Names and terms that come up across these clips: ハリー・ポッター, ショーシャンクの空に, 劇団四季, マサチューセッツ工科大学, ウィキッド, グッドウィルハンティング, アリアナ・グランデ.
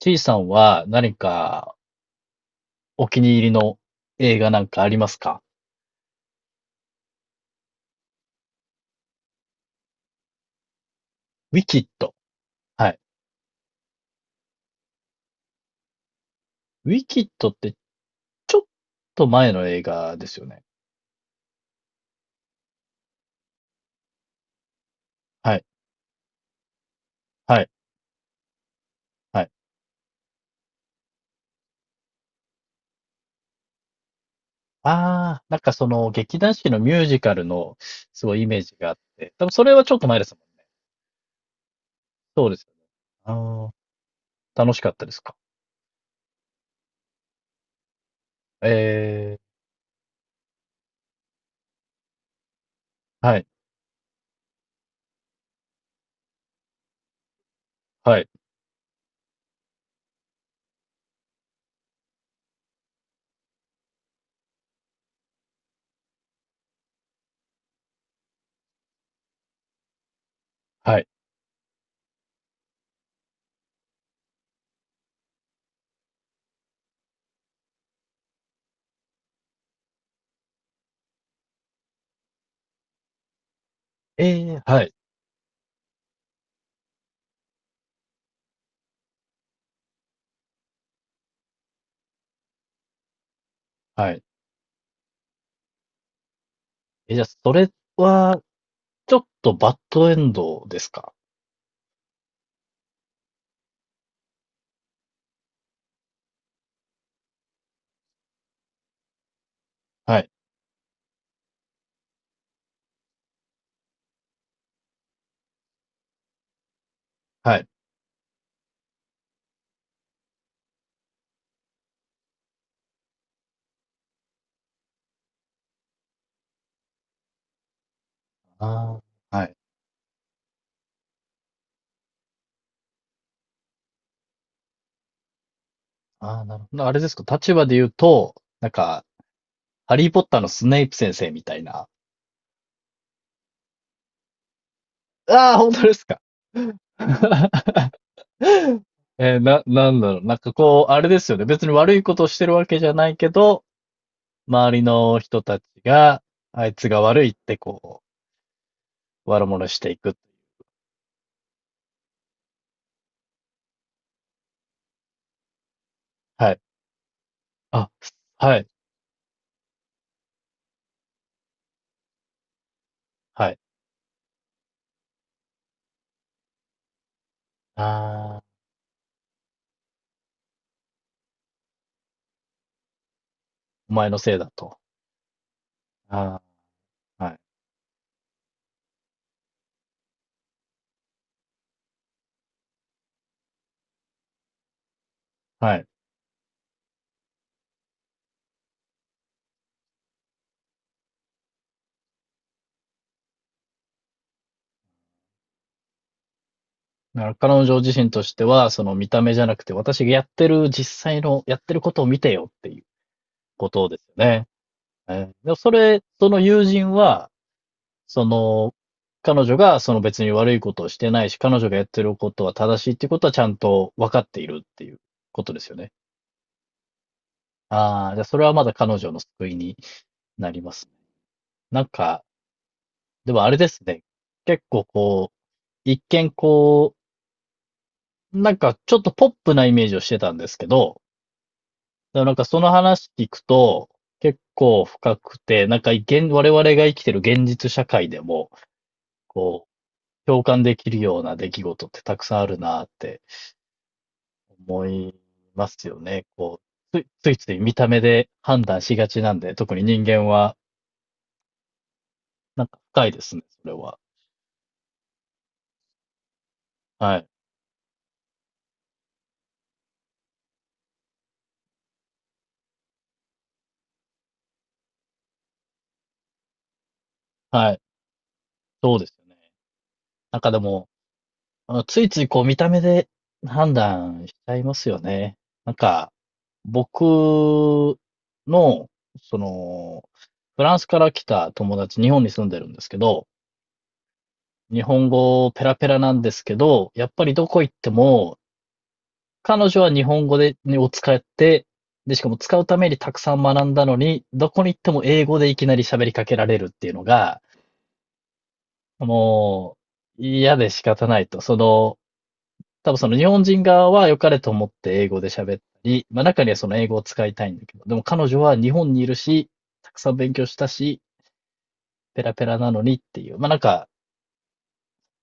T さんは何かお気に入りの映画なんかありますか？ウィキッド。はい。ウィキッドってちょっと前の映画ですよね。はい。はい。はい。ああ、なんかその劇団四季のミュージカルのすごいイメージがあって、多分それはちょっと前ですもん。そうですよね。ああ、楽しかったですか？ええ、はい。はい。はい。ええ、はい。はい。え、じゃあそれはちょっとバッドエンドですか？はい。はい。ああ、はい。ああ、なるほど。あれですか、立場で言うと、なんか、ハリー・ポッターのスネイプ先生みたいな。ああ、本当ですか。なんだろう。なんかこう、あれですよね。別に悪いことをしてるわけじゃないけど、周りの人たちが、あいつが悪いってこう、悪者していく。はい。あ、はい。はい。ああ、お前のせいだと。ああ、はい。はい。だから彼女自身としては、その見た目じゃなくて、私がやってる実際の、やってることを見てよっていうことですよね。でもそれ、その友人は、その、彼女がその別に悪いことをしてないし、彼女がやってることは正しいっていうことはちゃんと分かっているっていうことですよね。ああ、じゃあそれはまだ彼女の救いになりますね。なんか、でもあれですね。結構こう、一見こう、なんかちょっとポップなイメージをしてたんですけど、だからなんかその話聞くと、結構深くて、なんか現、我々が生きてる現実社会でも、こう、共感できるような出来事ってたくさんあるなって思いますよね。こう、ついついつい見た目で判断しがちなんで、特に人間は、なんか深いですね、それは。はい。はい。そうですよね。なんかでも、あのついついこう見た目で判断しちゃいますよね。なんか、僕の、その、フランスから来た友達、日本に住んでるんですけど、日本語ペラペラなんですけど、やっぱりどこ行っても、彼女は日本語で、を使って、で、しかも使うためにたくさん学んだのに、どこに行っても英語でいきなり喋りかけられるっていうのが、もう、嫌で仕方ないと。その、多分その日本人側は良かれと思って英語で喋ったり、まあ中にはその英語を使いたいんだけど、でも彼女は日本にいるし、たくさん勉強したし、ペラペラなのにっていう、まあなんか、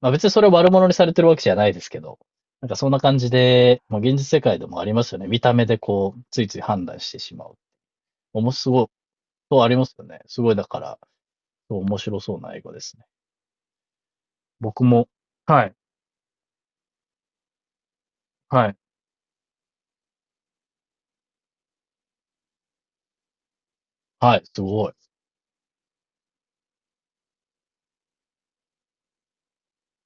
まあ別にそれを悪者にされてるわけじゃないですけど、なんかそんな感じで、まあ現実世界でもありますよね。見た目でこう、ついつい判断してしまう。面白い、そうありますよね。すごいだから、そう面白そうな英語ですね。僕も、はい。はい。はい、すごい。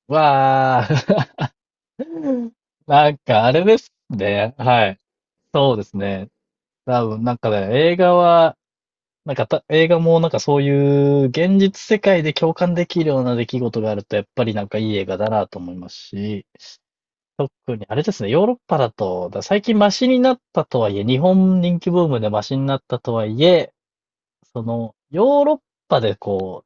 わー。なんかあれですね。はい。そうですね。多分なんかね、映画は、なんかた、映画もなんかそういう現実世界で共感できるような出来事があると、やっぱりなんかいい映画だなと思いますし、特にあれですね、ヨーロッパだと、最近マシになったとはいえ、日本人気ブームでマシになったとはいえ、その、ヨーロッパでこ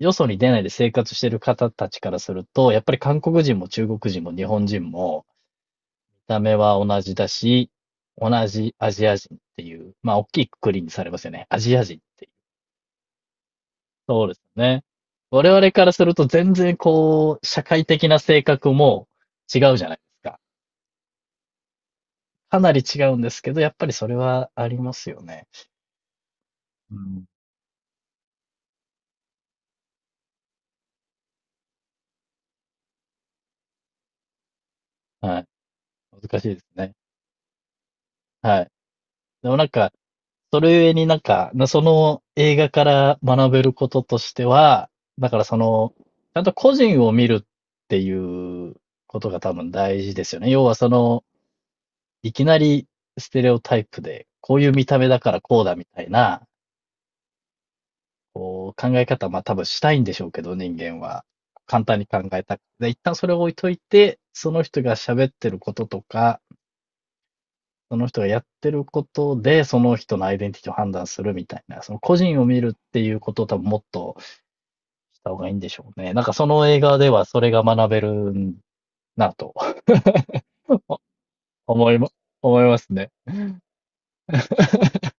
う、よそに出ないで生活してる方たちからすると、やっぱり韓国人も中国人も日本人も、見た目は同じだし、同じアジア人っていう、まあ、大きい括りにされますよね。アジア人っていう。そうですね。我々からすると全然こう、社会的な性格も違うじゃないですか。かなり違うんですけど、やっぱりそれはありますよね。うん。はい。難しいですね。はい。でもなんか、それゆえになんか、その映画から学べることとしては、だからその、ちゃんと個人を見るっていうことが多分大事ですよね。要はその、いきなりステレオタイプで、こういう見た目だからこうだみたいな、こう考え方、まあ多分したいんでしょうけど、人間は。簡単に考えたくて。で一旦それを置いといて、その人が喋ってることとか、その人がやってることで、その人のアイデンティティを判断するみたいな、その個人を見るっていうことを多分もっとした方がいいんでしょうね。なんかその映画ではそれが学べるなと思いま、思いますね。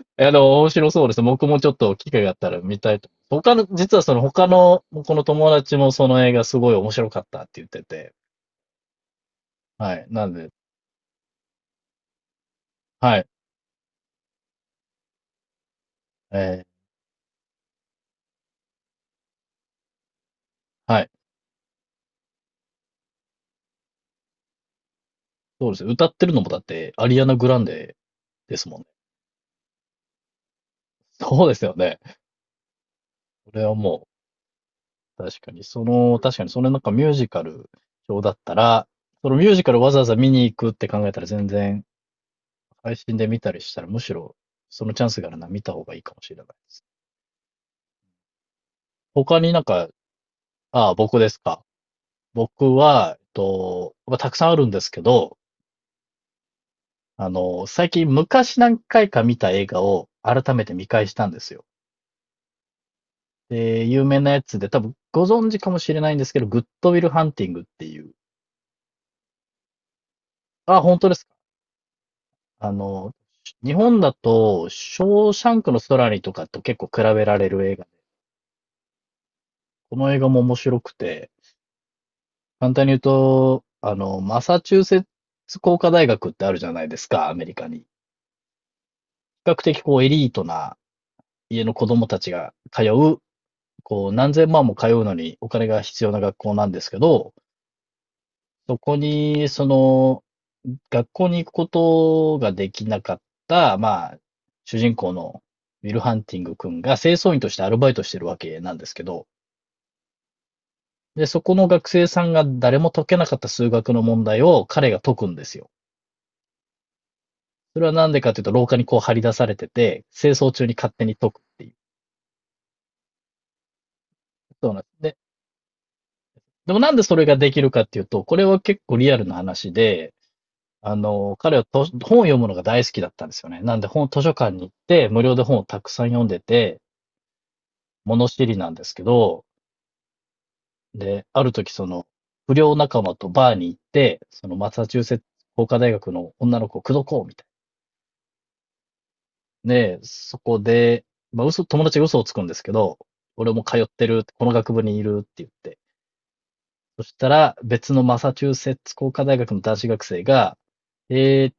いや、でも面白そうです。僕もちょっと機会があったら見たいと。他の、実はその他の、この友達もその映画すごい面白かったって言ってて。はい。なんで、はい。えーはい。そうです。歌ってるのもだって、アリアナ・グランデですもんね。そうですよね。これはもう、確かに、その、確かに、それなんかミュージカル表だったら、そのミュージカルわざわざ見に行くって考えたら全然、配信で見たりしたら、むしろ、そのチャンスがあるなら見た方がいいかもしれないです。他になんか、ああ、僕ですか。僕は、えっと、まあ、たくさんあるんですけど、あの、最近昔何回か見た映画を改めて見返したんですよ。で、有名なやつで、多分ご存知かもしれないんですけど、グッドウィルハンティングっていう。あ、本当です。あの、日本だと、ショーシャンクの空にとかと結構比べられる映画で、この映画も面白くて、簡単に言うと、あの、マサチューセッツ工科大学ってあるじゃないですか、アメリカに。比較的こうエリートな家の子供たちが通う、こう何千万も通うのにお金が必要な学校なんですけど、そこに、その、学校に行くことができなかった、まあ、主人公のウィル・ハンティング君が清掃員としてアルバイトしてるわけなんですけど、で、そこの学生さんが誰も解けなかった数学の問題を彼が解くんですよ。それはなんでかというと、廊下にこう張り出されてて、清掃中に勝手に解くっていう。そうなんで、でもなんでそれができるかっていうと、これは結構リアルな話で、あの、彼は本を読むのが大好きだったんですよね。なんで本、図書館に行って、無料で本をたくさん読んでて、物知りなんですけど、で、ある時その、不良仲間とバーに行って、そのマサチューセッツ工科大学の女の子を口説こうみたいな。で、そこで、まあ嘘、友達が嘘をつくんですけど、俺も通ってるって、この学部にいるって言って。そしたら、別のマサチューセッツ工科大学の男子学生が、へー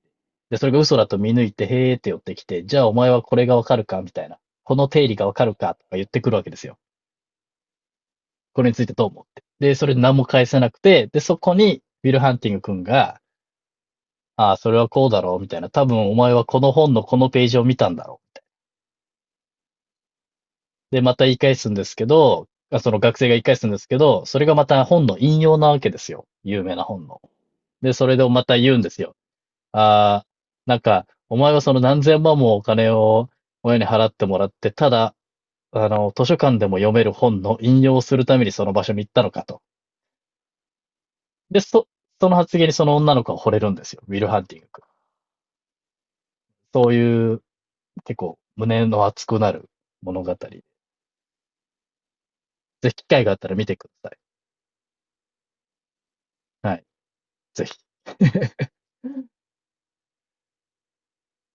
で、それが嘘だと見抜いて、へーって寄ってきて、じゃあお前はこれがわかるかみたいな。この定理がわかるかとか言ってくるわけですよ。これについてどう思って。で、それ何も返せなくて、で、そこに、ウィル・ハンティング君が、ああ、それはこうだろう、みたいな。多分お前はこの本のこのページを見たんだろう。で、また言い返すんですけど、その学生が言い返すんですけど、それがまた本の引用なわけですよ。有名な本の。で、それでまた言うんですよ。ああ、なんか、お前はその何千万もお金を親に払ってもらって、ただ、あの、図書館でも読める本の引用をするためにその場所に行ったのかと。で、その発言にその女の子は惚れるんですよ。ウィル・ハンティング君。そういう、結構、胸の熱くなる物語。ぜひ機会があったら見てください。はい。ぜひ。